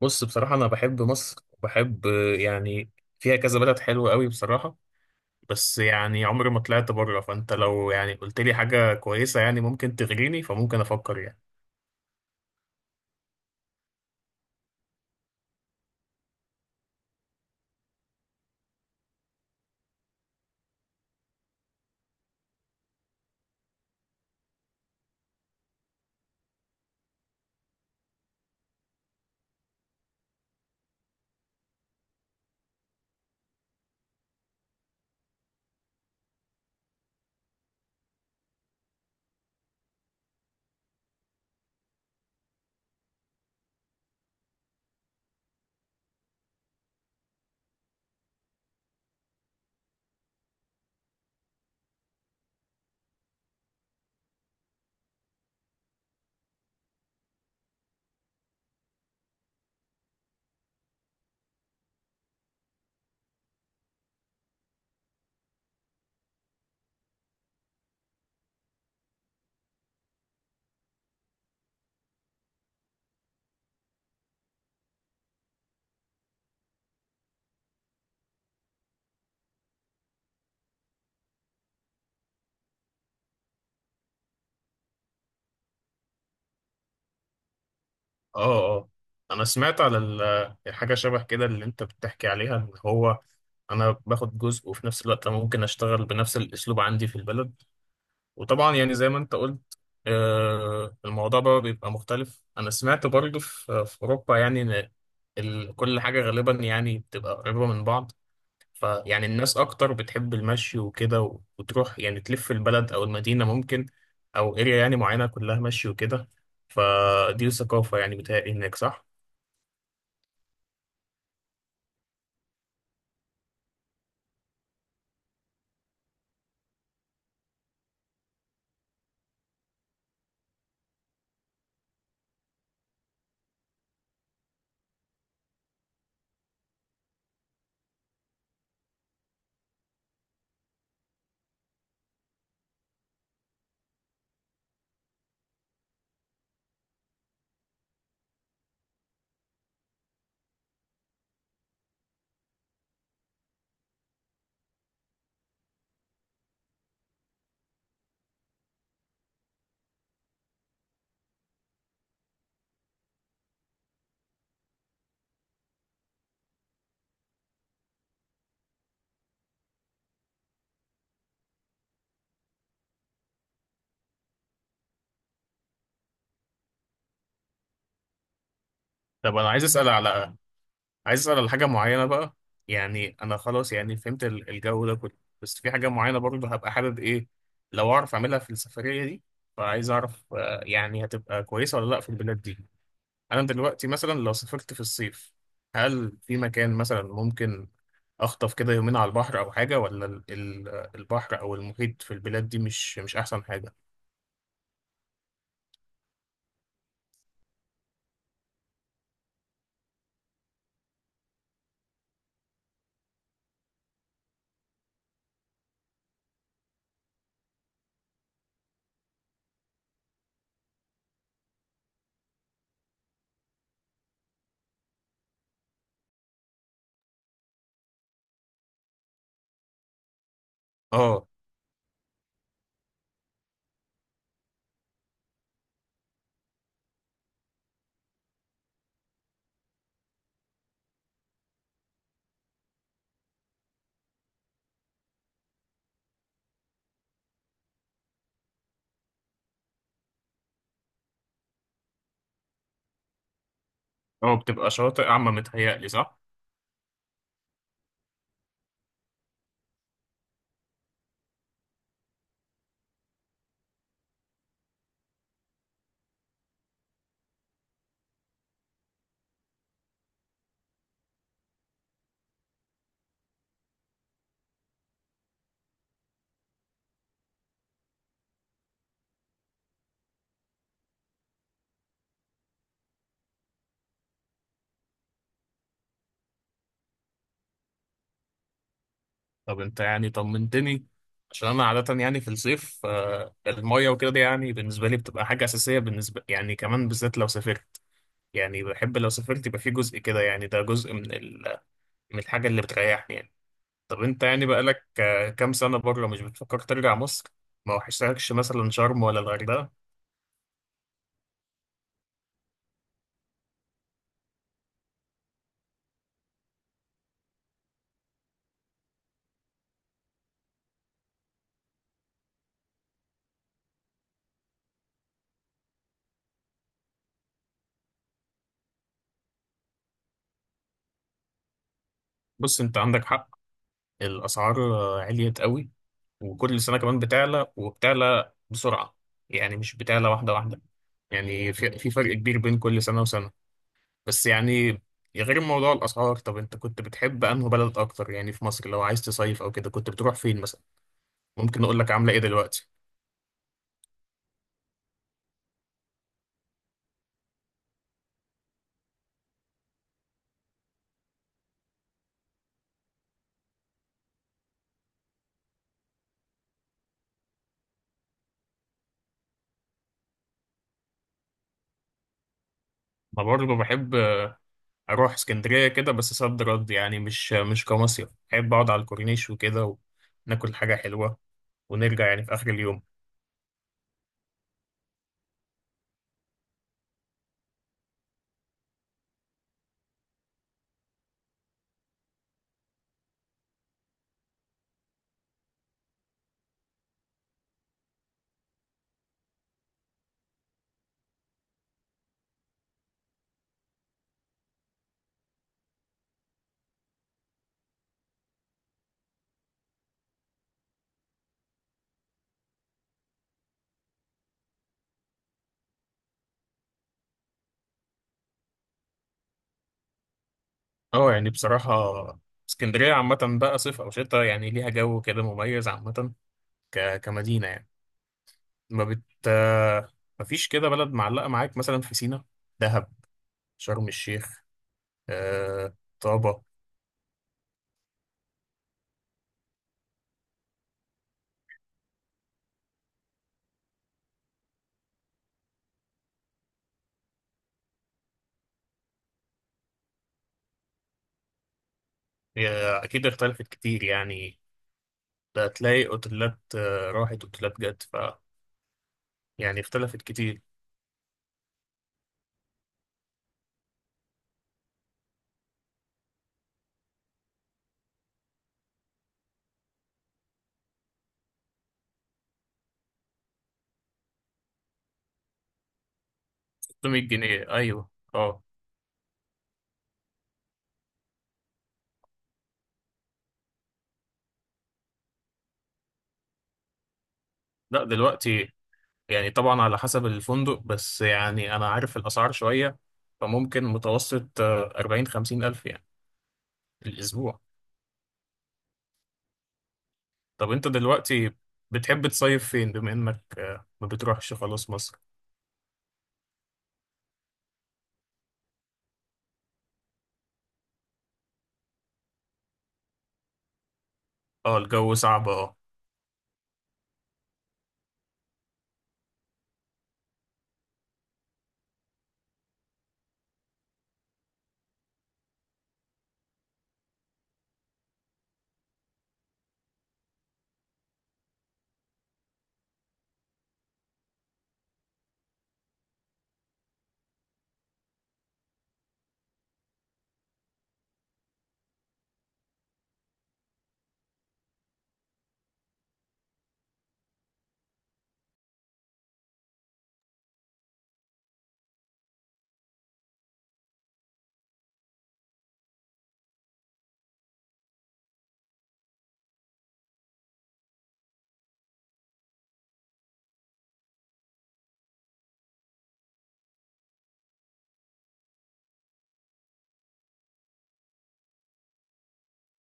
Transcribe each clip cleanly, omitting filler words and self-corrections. بص، بصراحة أنا بحب مصر وبحب يعني فيها كذا بلد حلوة قوي بصراحة. بس يعني عمري ما طلعت بره، فأنت لو يعني قلت لي حاجة كويسة يعني ممكن تغريني، فممكن أفكر يعني. آه، آه، أنا سمعت على الحاجة شبه كده اللي أنت بتحكي عليها، إن هو أنا باخد جزء وفي نفس الوقت أنا ممكن أشتغل بنفس الأسلوب عندي في البلد. وطبعا يعني زي ما انت قلت، الموضوع بقى بيبقى مختلف. انا سمعت برضه في اوروبا يعني ان كل حاجه غالبا يعني بتبقى قريبه من بعض. فيعني الناس اكتر بتحب المشي وكده وتروح يعني تلف البلد او المدينه، ممكن او اريا يعني معينه كلها مشي وكده. فدي ثقافه يعني بتهيألي هناك، صح؟ طب انا عايز اسال على حاجه معينه بقى. يعني انا خلاص يعني فهمت الجو ده كله، بس في حاجه معينه برضه هبقى حابب ايه لو اعرف اعملها في السفريه دي. فعايز اعرف، يعني هتبقى كويسه ولا لا في البلاد دي؟ انا دلوقتي مثلا لو سافرت في الصيف، هل في مكان مثلا ممكن اخطف كده يومين على البحر او حاجه، ولا البحر او المحيط في البلاد دي مش احسن حاجه؟ اه، اه، بتبقى شواطئ عامه متهيألي، صح؟ طب انت يعني طمنتني، عشان انا عادة يعني في الصيف، المية وكده دي يعني بالنسبة لي بتبقى حاجة أساسية، بالنسبة يعني كمان بالذات لو سافرت. يعني بحب لو سافرت يبقى في جزء كده، يعني ده جزء من الحاجة اللي بتريحني يعني. طب انت يعني بقالك كام سنة بره، مش بتفكر ترجع مصر؟ ما وحشتكش مثلا شرم ولا الغردقة؟ بص، انت عندك حق. الأسعار عليت قوي، وكل سنة كمان بتعلى وبتعلى بسرعة. يعني مش بتعلى واحدة واحدة، يعني في فرق كبير بين كل سنة وسنة. بس يعني غير موضوع الأسعار، طب أنت كنت بتحب أنه بلد أكتر يعني في مصر؟ لو عايز تصيف أو كده، كنت بتروح فين مثلا؟ ممكن أقول لك عاملة إيه دلوقتي. أنا برضه بحب أروح اسكندرية كده، بس صد رد يعني، مش كمصيف. بحب أقعد على الكورنيش وكده وناكل حاجة حلوة ونرجع يعني في آخر اليوم. أه، يعني بصراحة اسكندرية عامة بقى صيف أو شتاء، يعني ليها جو كده مميز عامة، كمدينة يعني. ما بت مفيش كده بلد معلقة معاك، مثلا في سينا، دهب، شرم الشيخ، آه طابة؟ هي أكيد اختلفت كتير يعني. ده هتلاقي أوتيلات، راحت أوتيلات جت، يعني اختلفت كتير. 600 جنيه، أيوه، أه. لا، دلوقتي يعني طبعا على حسب الفندق، بس يعني أنا عارف الأسعار شوية، فممكن متوسط، 40 50 ألف يعني الأسبوع. طب أنت دلوقتي بتحب تصيف فين، بما إنك ما بتروحش خلاص مصر؟ أه، الجو صعب، أه.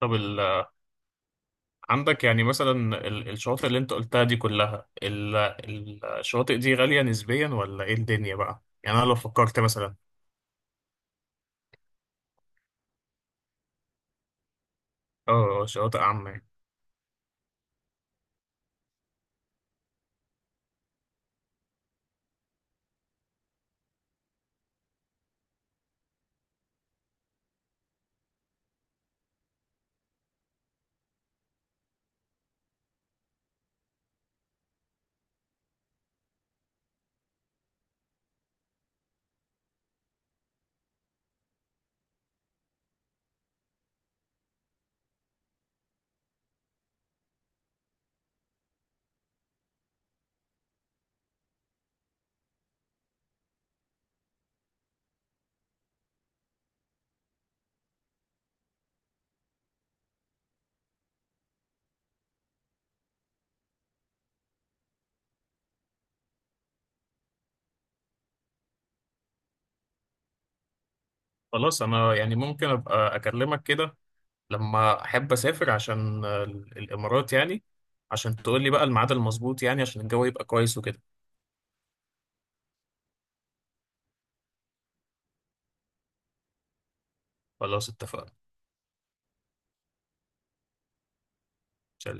طب عندك يعني مثلا الشواطئ اللي انت قلتها دي كلها، الشواطئ دي غالية نسبيا ولا ايه الدنيا بقى يعني؟ انا لو فكرت مثلا، اه، شواطئ عامة يعني. خلاص، انا يعني ممكن ابقى اكلمك كده لما احب اسافر، عشان الامارات يعني، عشان تقول لي بقى الميعاد المظبوط يعني، عشان الجو يبقى كويس وكده. خلاص، اتفقنا. سلام.